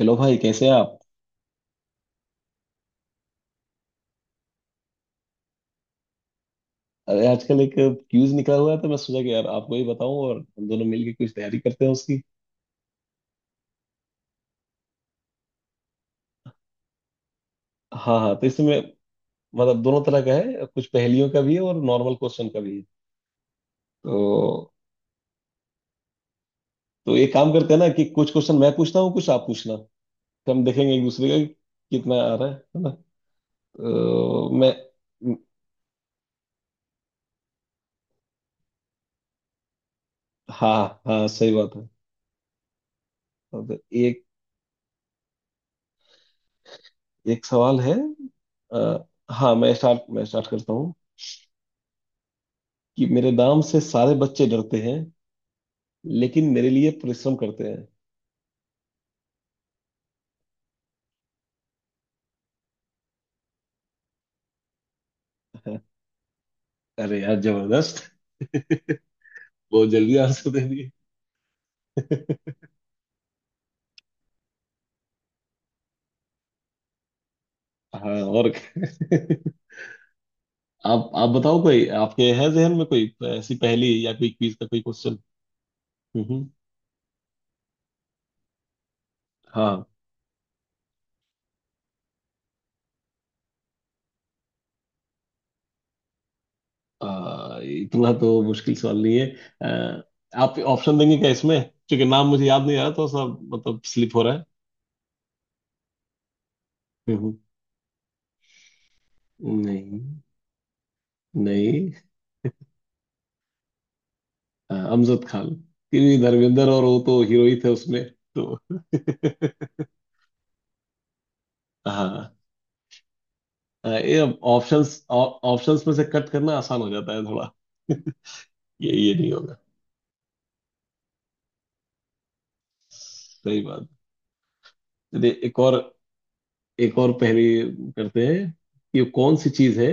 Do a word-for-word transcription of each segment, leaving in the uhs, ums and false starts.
Hello भाई, कैसे हैं आप। अरे आजकल एक क्यूज निकला हुआ है, तो मैं सोचा कि यार आपको ही बताऊं और हम दोनों मिलके कुछ तैयारी करते हैं उसकी। हाँ हाँ, तो इसमें मतलब दोनों तरह का है, कुछ पहेलियों का भी है और नॉर्मल क्वेश्चन का भी है। तो तो एक काम करते हैं ना कि कुछ क्वेश्चन मैं पूछता हूँ, कुछ आप पूछना। तो हम देखेंगे एक दूसरे का कि कितना आ रहा है है ना। तो मैं। हाँ हाँ, सही बात है। तो एक एक सवाल है। अ, हाँ, मैं स्टार्ट मैं स्टार्ट करता हूँ कि मेरे नाम से सारे बच्चे डरते हैं लेकिन मेरे लिए परिश्रम करते हैं। अरे यार, जबरदस्त। बहुत जल्दी आंसर दे दिए। हाँ और क्या? आप आप बताओ, कोई आपके है जहन में कोई ऐसी पहेली या कोई क्विज का कोई क्वेश्चन। हम्म। हाँ। आ, इतना तो मुश्किल सवाल नहीं है। आ, आप ऑप्शन देंगे क्या इसमें, क्योंकि नाम मुझे याद नहीं आ रहा, तो सब मतलब स्लिप हो रहा है। हम्म। नहीं नहीं। आ, अमजद खान, क्योंकि धर्मेंद्र और वो तो हीरो ही थे उसमें। तो हाँ। अ, ये ऑप्शंस ऑप्शंस में से कट करना आसान हो जाता है थोड़ा। ये ये नहीं होगा। सही बात। चलिए एक और एक और पहेली करते हैं कि कौन सी चीज है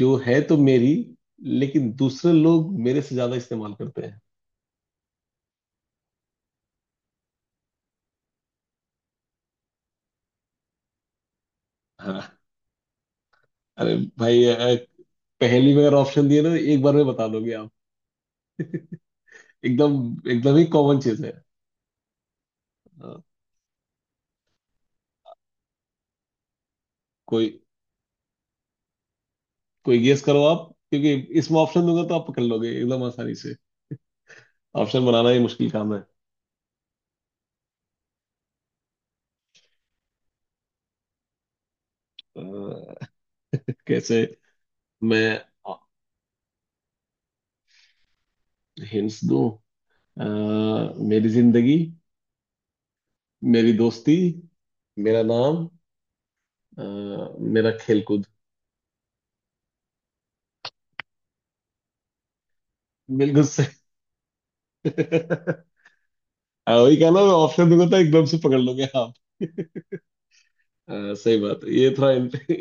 जो है तो मेरी लेकिन दूसरे लोग मेरे से ज्यादा इस्तेमाल करते हैं। हाँ। अरे भाई अ, पहेली में अगर ऑप्शन दिए ना, एक बार में बता दोगे आप। एकदम एकदम ही कॉमन चीज है। हाँ। कोई कोई गेस करो आप, क्योंकि इसमें ऑप्शन दूंगा तो आप पकड़ लोगे एकदम आसानी से। ऑप्शन बनाना ही मुश्किल काम है। कैसे मैं हिंट्स दूं? अ, मेरी जिंदगी, मेरी दोस्ती, मेरा नाम, अ, मेरा खेलकूद। बिल्कुल सही। हाँ, वही कहा ना, मैं ऑप्शन दूंगा तो एकदम से पकड़ लोगे आप। अ, सही बात है, ये थोड़ा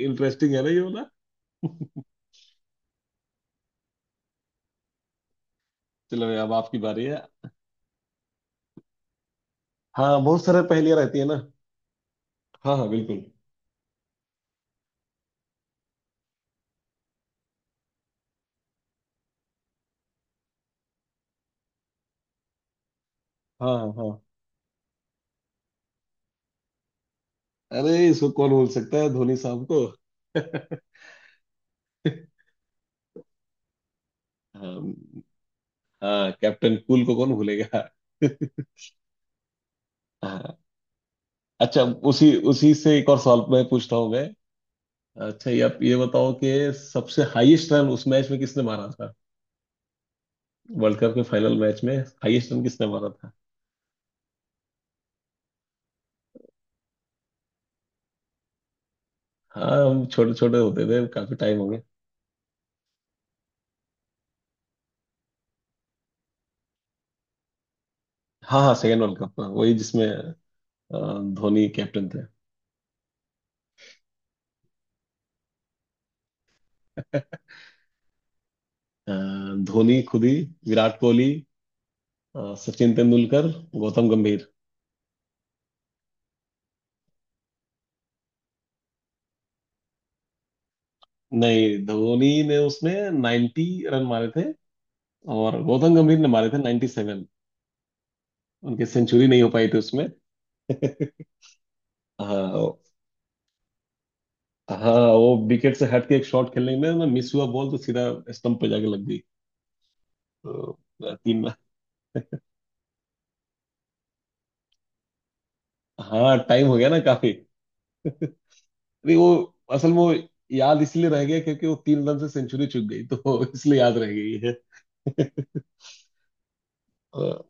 इंटरेस्टिंग है ना, ये वाला। चलो अब आपकी बारी है। हाँ, बहुत सारे पहेलियां रहती है ना। हाँ हाँ, बिल्कुल। हाँ हाँ हाँ। अरे इसको कौन भूल सकता है, धोनी साहब को। हाँ। हाँ, कैप्टन कूल को कौन भूलेगा। हाँ। अच्छा, उसी उसी से एक और सवाल मैं पूछता हूँ। मैं अच्छा, ये आप ये बताओ कि सबसे हाईएस्ट रन उस मैच में किसने मारा था। वर्ल्ड कप के फाइनल मैच में हाईएस्ट रन किसने मारा था। हाँ हम छोटे छोटे होते थे, काफी टाइम हो गया। हाँ हाँ, सेकेंड वर्ल्ड कप। हाँ, वही जिसमें अ, धोनी कैप्टन थे। अ, धोनी खुद ही, विराट कोहली, अ, सचिन तेंदुलकर, गौतम गंभीर। नहीं, धोनी ने उसमें नब्बे रन मारे थे और गौतम गंभीर ने मारे थे सत्तानवे। उनकी सेंचुरी नहीं हो पाई थी उसमें। हाँ। हाँ, वो विकेट से हट के एक शॉट खेलने में ना, मिस हुआ, बॉल तो सीधा स्टंप पे जाके लग गई। तो तीन। हाँ, टाइम हो गया ना काफी। अरे वो असल में वो याद इसलिए रह गया क्योंकि वो तीन रन से सेंचुरी चूक गई, तो इसलिए याद रह गई है। अ,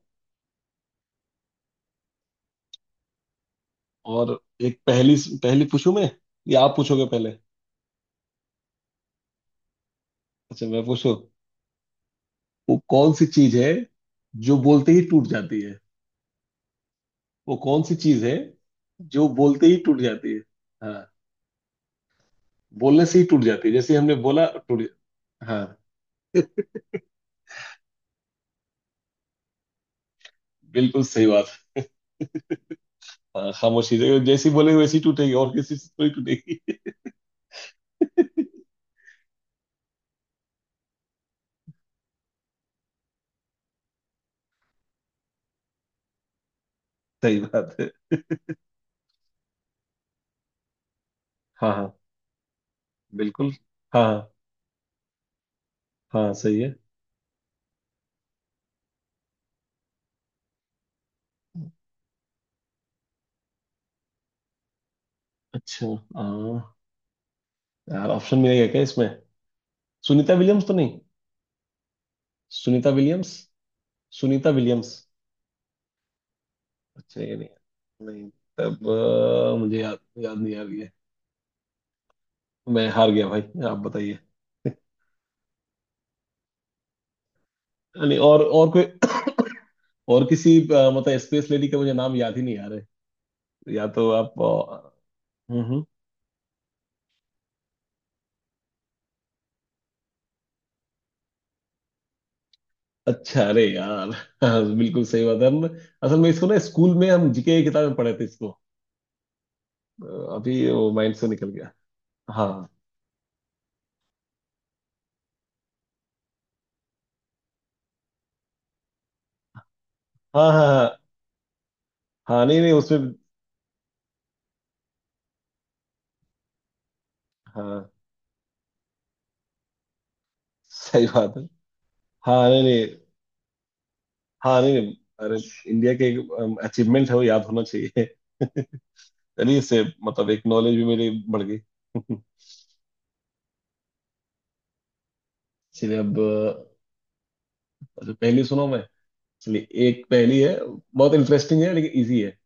और एक पहली पहली पूछूं मैं, या आप पूछोगे पहले? अच्छा मैं पूछूं। वो कौन सी चीज है जो बोलते ही टूट जाती है? वो कौन सी चीज है जो बोलते ही टूट जाती है? हाँ, बोलने से ही टूट जाती है, जैसे हमने बोला टूट। हाँ। बिल्कुल सही बात है। हाँ, खामोशी, जो- जैसी बोले वैसी टूटेगी और किसी से थोड़ी टूटेगी। सही बात है। हाँ हाँ, बिल्कुल। हाँ हाँ। हाँ, सही है। अच्छा। हाँ। यार ऑप्शन मिलेगा क्या इसमें? सुनीता विलियम्स तो नहीं? सुनीता विलियम्स। सुनीता विलियम्स। अच्छा ये नहीं है। नहीं। तब अ, मुझे याद याद नहीं आ रही है। मैं हार गया भाई, आप बताइए। हाँ, नहीं, और और कोई और किसी अ, मतलब स्पेस लेडी का मुझे नाम याद ही नहीं आ रहा है, या तो आप। हम्म। हम्म। अच्छा, अरे यार। हाँ, बिल्कुल सही बात है। हम असल में इसको ना स्कूल में हम जीके की किताब में पढ़े थे इसको। अ, अभी वो माइंड से निकल गया। हाँ हाँ हाँ। हाँ हाँ। नहीं नहीं उसमें। हाँ सही बात है। हाँ नहीं नहीं। हाँ नहीं नहीं। अरे, इंडिया के अचीवमेंट है, वो याद होना चाहिए। चलिए, इससे मतलब एक नॉलेज भी मेरी बढ़ गई। चलिए अब अ, अच्छा, पहली सुनो मैं। चलिए, एक पहली है, बहुत इंटरेस्टिंग है लेकिन इजी है।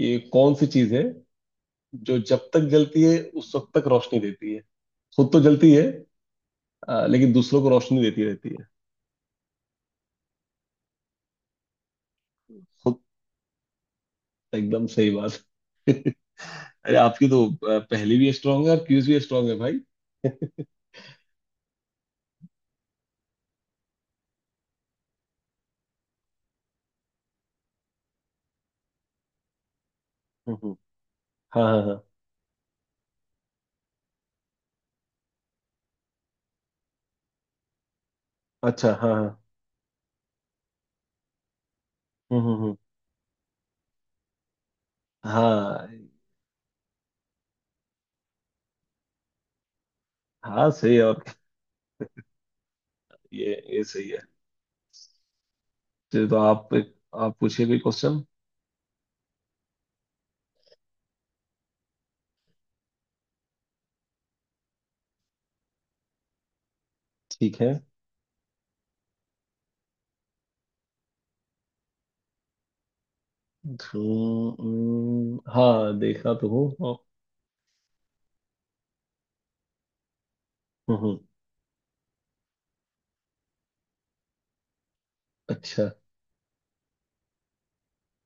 ये कौन सी चीज है जो जब तक जलती है उस वक्त तक रोशनी देती है? खुद तो जलती है अ, लेकिन दूसरों को रोशनी देती रहती है। खुद। एकदम सही बात। अरे, आपकी तो अ, पहेली भी स्ट्रांग है और क्यूज भी स्ट्रांग है भाई। हम्म हम्म। हाँ हाँ हाँ। अच्छा। हाँ हाँ। हम्म हम्म हम्म। हाँ हाँ, सही है। और ये ये सही है। चलिए तो आप एक-। आप पूछिए कोई क्वेश्चन। ठीक है। हम्म, हम्म। हाँ, देखा तो हूँ। हम्म हम्म। अच्छा।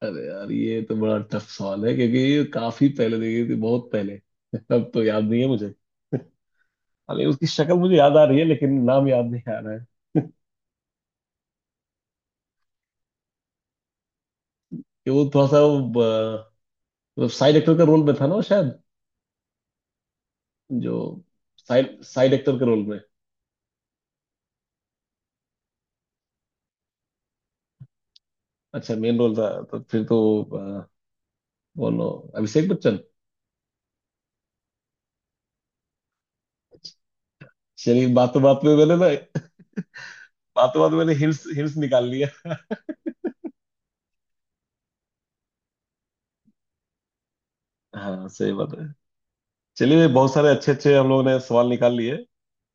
अरे यार, ये तो बड़ा टफ सवाल है क्योंकि ये काफी पहले देखी थी, बहुत पहले। अब तो याद नहीं है मुझे। अरे, उसकी शक्ल मुझे याद आ रही है लेकिन नाम याद नहीं आ रहा है। कि वो थोड़ा सा वो, ब- मतलब साइड एक्टर का रोल में था ना वो शायद। जो साइड साइड एक्टर के रोल में। अच्छा मेन रोल था तो फिर तो अ, बोलो। अभिषेक बच्चन। चलिए, बातों बात में मैंने ना, बातों बात में मैंने हिंट्स हिंट्स निकाल लिया। हाँ सही बात है। चलिए, बहुत सारे अच्छे अच्छे हम लोगों ने सवाल निकाल लिए।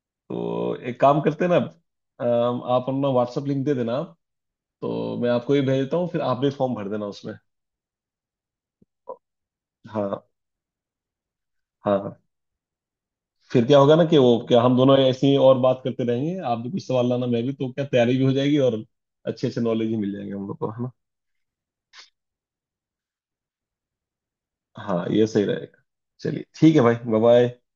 तो एक काम करते हैं ना, अम, आप अपना व्हाट्सएप लिंक दे देना आप, तो मैं आपको ही भेज देता हूँ, फिर आप भी फॉर्म भर देना उसमें। हाँ हाँ हाँ। फिर क्या होगा ना कि वो क्या, हम दोनों ऐसे ही और बात करते रहेंगे, आप भी कुछ सवाल लाना मैं भी, तो क्या तैयारी भी हो जाएगी और अच्छे अच्छे नॉलेज ही मिल जाएंगे हम लोग को, है ना। हाँ ये सही रहेगा। चलिए ठीक है भाई, बाय बाय।